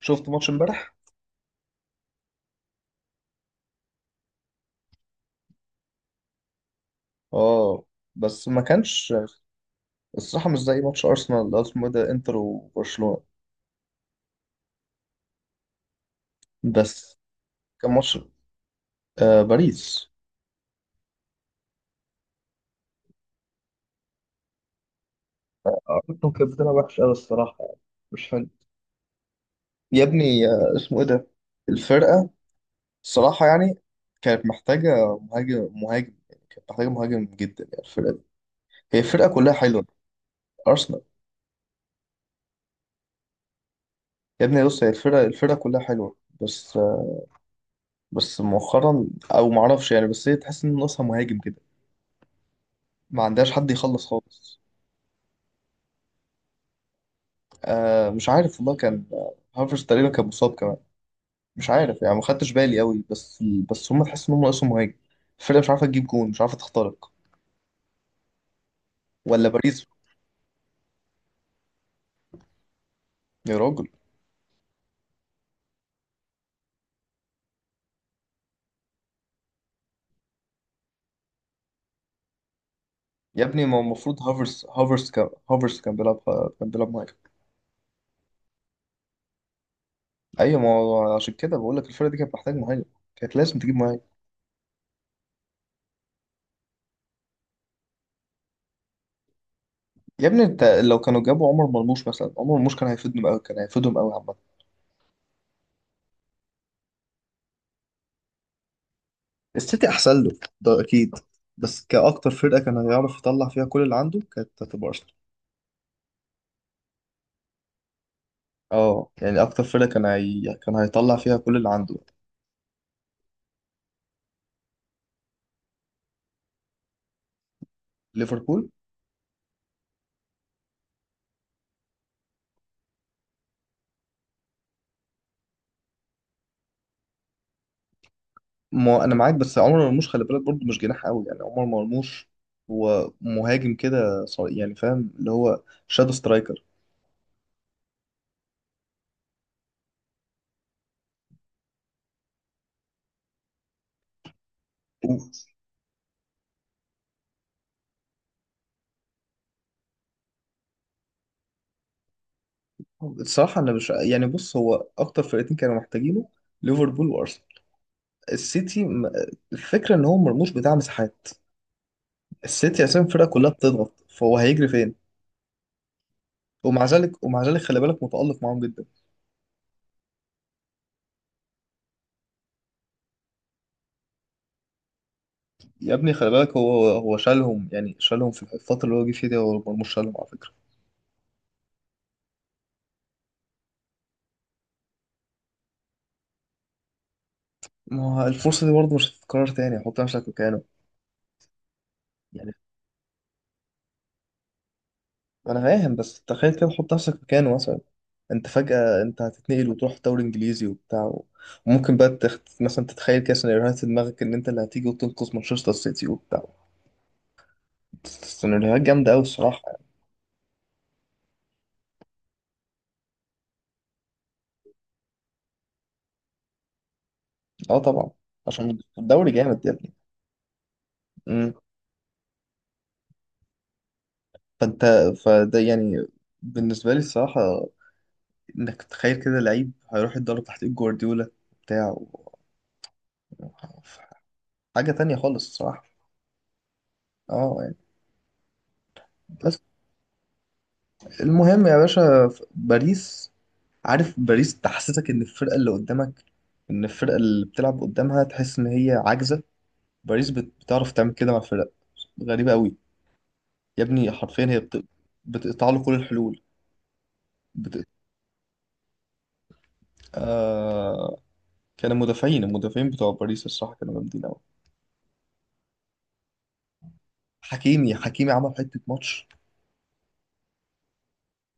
شفت ماتش امبارح. اه، بس ما كانش الصراحه مش زي ماتش ارسنال اللي هو اسمه إيه ده، انتر وبرشلونه. بس كان ماتش باريس. ارسنال كانت بتلعب وحش قوي الصراحه، يعني مش حلو. يا ابني اسمه ايه ده، الفرقه، الصراحه يعني كانت محتاجه مهاجم. كانت محتاجه مهاجم جدا يعني الفرقه دي. هي الفرقه كلها حلوه، ارسنال. يا ابني بص، هي الفرقه كلها حلوه، بس بس مؤخرا، او ما اعرفش يعني، بس هي تحس ان ناقصها مهاجم كده، ما عندهاش حد يخلص خالص. مش عارف والله، كان هافرز تقريبا كان مصاب كمان. مش عارف يعني، ما خدتش بالي قوي، بس بس هم تحس ان هم ناقصهم مهاجم. الفرقه مش عارفه تجيب جون، مش عارفه تخترق. ولا باريس. يا راجل، يا ابني ما هو المفروض هافرز، هافرز كان بيلعب، كان بيلعب مهاجم. ايوه، ما هو عشان كده بقول لك الفرقه دي كانت محتاج مهاجم، كانت لازم تجيب مهاجم. يا ابني انت لو كانوا جابوا عمر مرموش مثلا، عمر مرموش كان هيفيدهم قوي، كان هيفيدهم قوي عامه. السيتي احسن له ده اكيد، بس كأكتر فرقة كان هيعرف يطلع فيها كل اللي عنده كانت هتبقى أرسنال. اه، يعني اكتر فرقه كان كان هيطلع فيها كل اللي عنده، ليفربول. ما انا معاك، بس عمر مرموش خلي بالك برضه مش جناح قوي يعني، عمر مرموش هو مهاجم كده، يعني فاهم، اللي هو شادو سترايكر. و- الصراحه انا مش يعني، بص هو اكتر فرقتين كانوا محتاجينه، ليفربول وارسنال. السيتي م- الفكره ان هو مرموش بتاع مساحات، السيتي اساسا الفرقه كلها بتضغط، فهو هيجري فين. ومع ذلك خلي بالك متالق معاهم جدا. يا ابني خلي بالك، هو شالهم، يعني شالهم في الفترة اللي هو جه فيها دي، هو مرموش شالهم على فكرة. ما هو الفرصة دي برضه مش هتتكرر تاني، حط نفسك مكانه يعني. أنا فاهم، بس تخيل كده، حط نفسك مكانه مثلا، أنت فجأة أنت هتتنقل وتروح دوري إنجليزي وبتاع وممكن بقى مثلا تتخيل كده سيناريوهات في دماغك إن أنت اللي هتيجي وتنقذ مانشستر سيتي وبتاع. سيناريوهات جامدة أوي الصراحة يعني. أه طبعا. عشان الدوري جامد يا ابني. أمم. فأنت، فده يعني بالنسبة لي الصراحة، انك تخيل كده لعيب هيروح يتدرب تحت ايد جوارديولا بتاع حاجة تانية خالص الصراحة. اه يعني. بس المهم يا باشا، باريس، عارف باريس تحسسك ان الفرقة اللي قدامك، ان الفرقة اللي بتلعب قدامها تحس ان هي عاجزة. باريس بتعرف تعمل كده مع الفرق، غريبة قوي. يا ابني حرفيا هي بتقطع له كل الحلول. بت... آه... كان المدافعين بتوع باريس الصراحة كانوا جامدين قوي. حكيمي عمل حتة ماتش.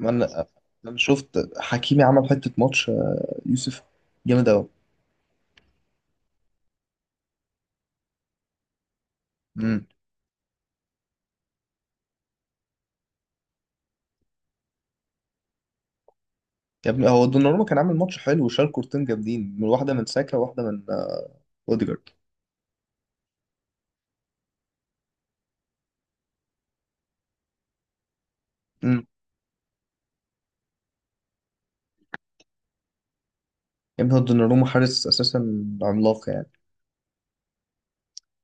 ما انا انا شفت حكيمي عمل حته ماتش، يوسف، جامد قوي. امم. يا ابني هو دوناروما كان عامل ماتش حلو، وشال كورتين جامدين، من واحده من ساكا وواحده من اوديجارد. امم. يا ابني هو دوناروما حارس اساسا عملاق يعني.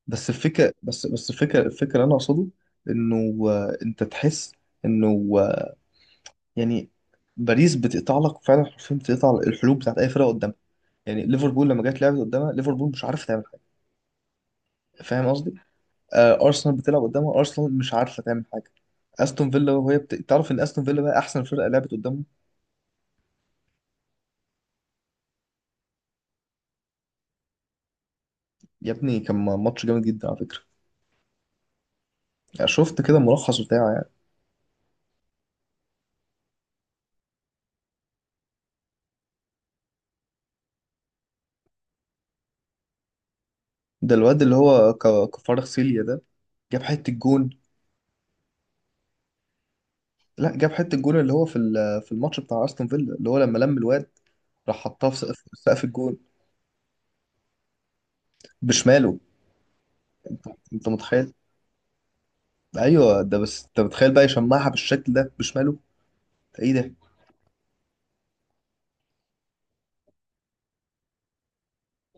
بس الفكره اللي انا اقصده، انه انت تحس انه يعني باريس بتقطع لك فعلا حرفيا، بتقطع الحلول بتاعت اي فرقه قدامها. يعني ليفربول لما جت لعبت قدامها، ليفربول مش عارف تعمل حاجه، فاهم قصدي. ارسنال بتلعب قدامها، ارسنال مش عارفه تعمل حاجه. استون فيلا، وهي تعرف ان استون فيلا بقى احسن فرقه لعبت قدامه. يا ابني كان ماتش جامد جدا على فكره. يعني شفت كده الملخص بتاعه يعني. ده الواد اللي هو كفارغ سيليا ده، جاب حته الجون. لا، جاب حته الجون اللي هو في في الماتش بتاع استون فيلا، اللي هو لما لم الواد راح حطها في سقف الجون بشماله. انت متخيل؟ ايوه ده، بس انت متخيل بقى يشمعها بالشكل ده بشماله؟ ده ايه ده.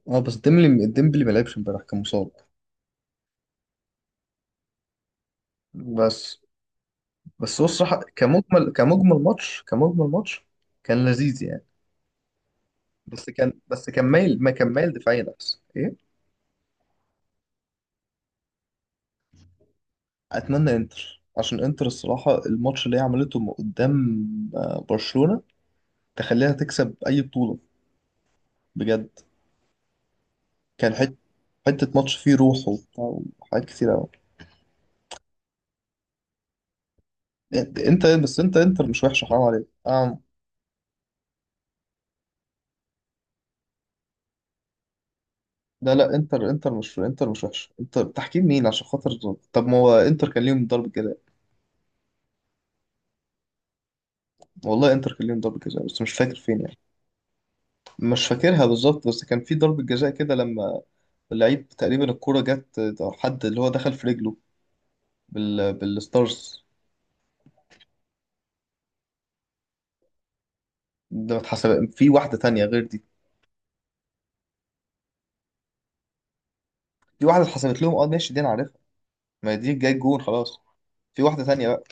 اه، بس ديمبلي ما لعبش امبارح، كان مصاب. بس بس هو الصراحه كمجمل ماتش، كان لذيذ يعني. بس كان بس كان مايل ما كان مايل دفاعيا احسن، ايه. اتمنى انتر، عشان انتر الصراحه الماتش اللي هي عملته قدام برشلونه تخليها تكسب اي بطوله بجد. كان حته، حته ماتش فيه روح وبتاع وحاجات كتير قوي. انت انتر مش وحشه، حرام عليك. لا لا، انتر مش وحشه، انتر تحكيم مين عشان خاطر. طب ما هو انتر كان ليهم ضربه جزاء. والله انتر كان ليهم ضربه جزاء، بس مش فاكر فين يعني. مش فاكرها بالظبط، بس كان في ضربة جزاء كده، لما اللعيب تقريبا الكرة جت، أو حد اللي هو دخل في رجله بالستارز. ده ما اتحسب، في واحدة تانية غير دي، في واحدة اتحسبت لهم اه، ماشي دي أنا عارفها، ما دي جاي جون خلاص. في واحدة تانية بقى.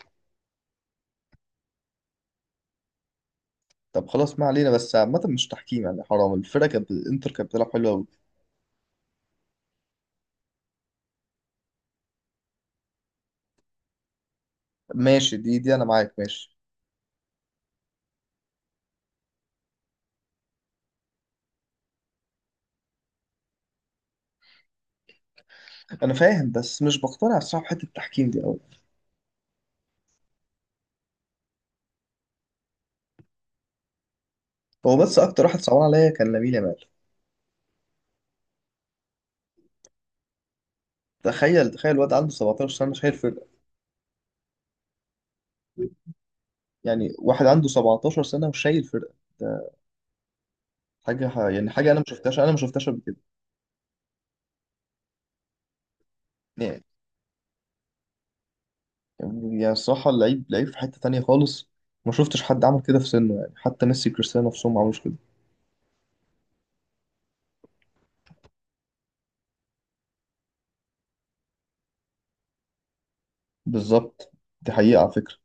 طب خلاص، ما علينا، بس عامة مش تحكيم يعني، حرام الفرقة كانت، الإنتر كانت بتلعب حلو أوي. ماشي، دي أنا معاك ماشي. أنا فاهم، بس مش بقتنع الصراحة بحتة التحكيم دي أوي. هو بس أكتر واحد صعبان عليا كان لامين يامال. تخيل الواد عنده 17 سنة شايل فرقة. يعني واحد عنده 17 سنة وشايل فرقة ده، حاجة يعني حاجة أنا ما شفتهاش قبل كده يعني. يعني الصراحة اللعيب لعيب في حتة تانية خالص. ما شفتش حد عمل كده في سنه يعني، حتى ميسي كريستيانو نفسهم ما عملوش كده. بالظبط، دي حقيقة على فكرة.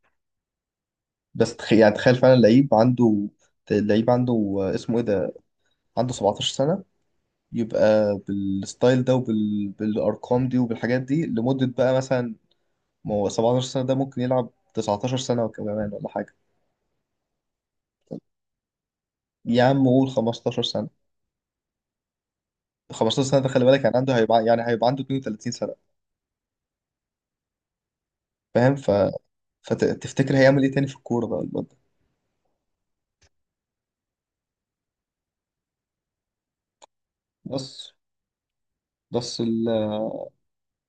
بس يعني تخيل فعلا لعيب عنده، اللعيب عنده اسمه إيه ده، عنده 17 سنة، يبقى بالستايل ده وبالأرقام دي وبالحاجات دي لمدة بقى مثلا. ما هو 17 سنة ده ممكن يلعب 19 سنة وكمان ولا حاجة. يا عم قول 15 سنة، 15 سنة ده خلي بالك، يعني عنده هيبقى، عنده 32 سنة. فاهم فتفتكر هيعمل ايه تاني في الكورة بقى الواد ده. بس بس ال...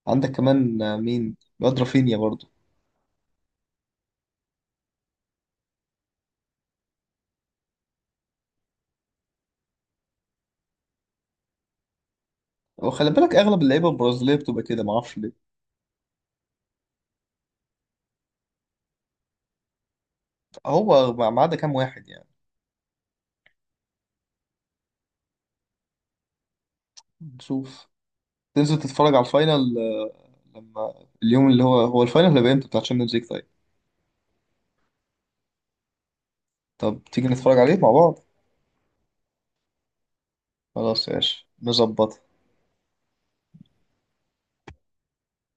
عندك كمان مين الواد، رافينيا برضه. وخلي بالك اغلب اللعيبة البرازيلية بتبقى كده، معرفش ليه. هو ما عدا كام واحد يعني، نشوف. تنزل تتفرج على الفاينل لما اليوم اللي هو الفاينل هيبقى امتى بتاع تشامبيونز ليج؟ طيب، طب تيجي نتفرج عليه مع بعض. خلاص يا باشا نظبط.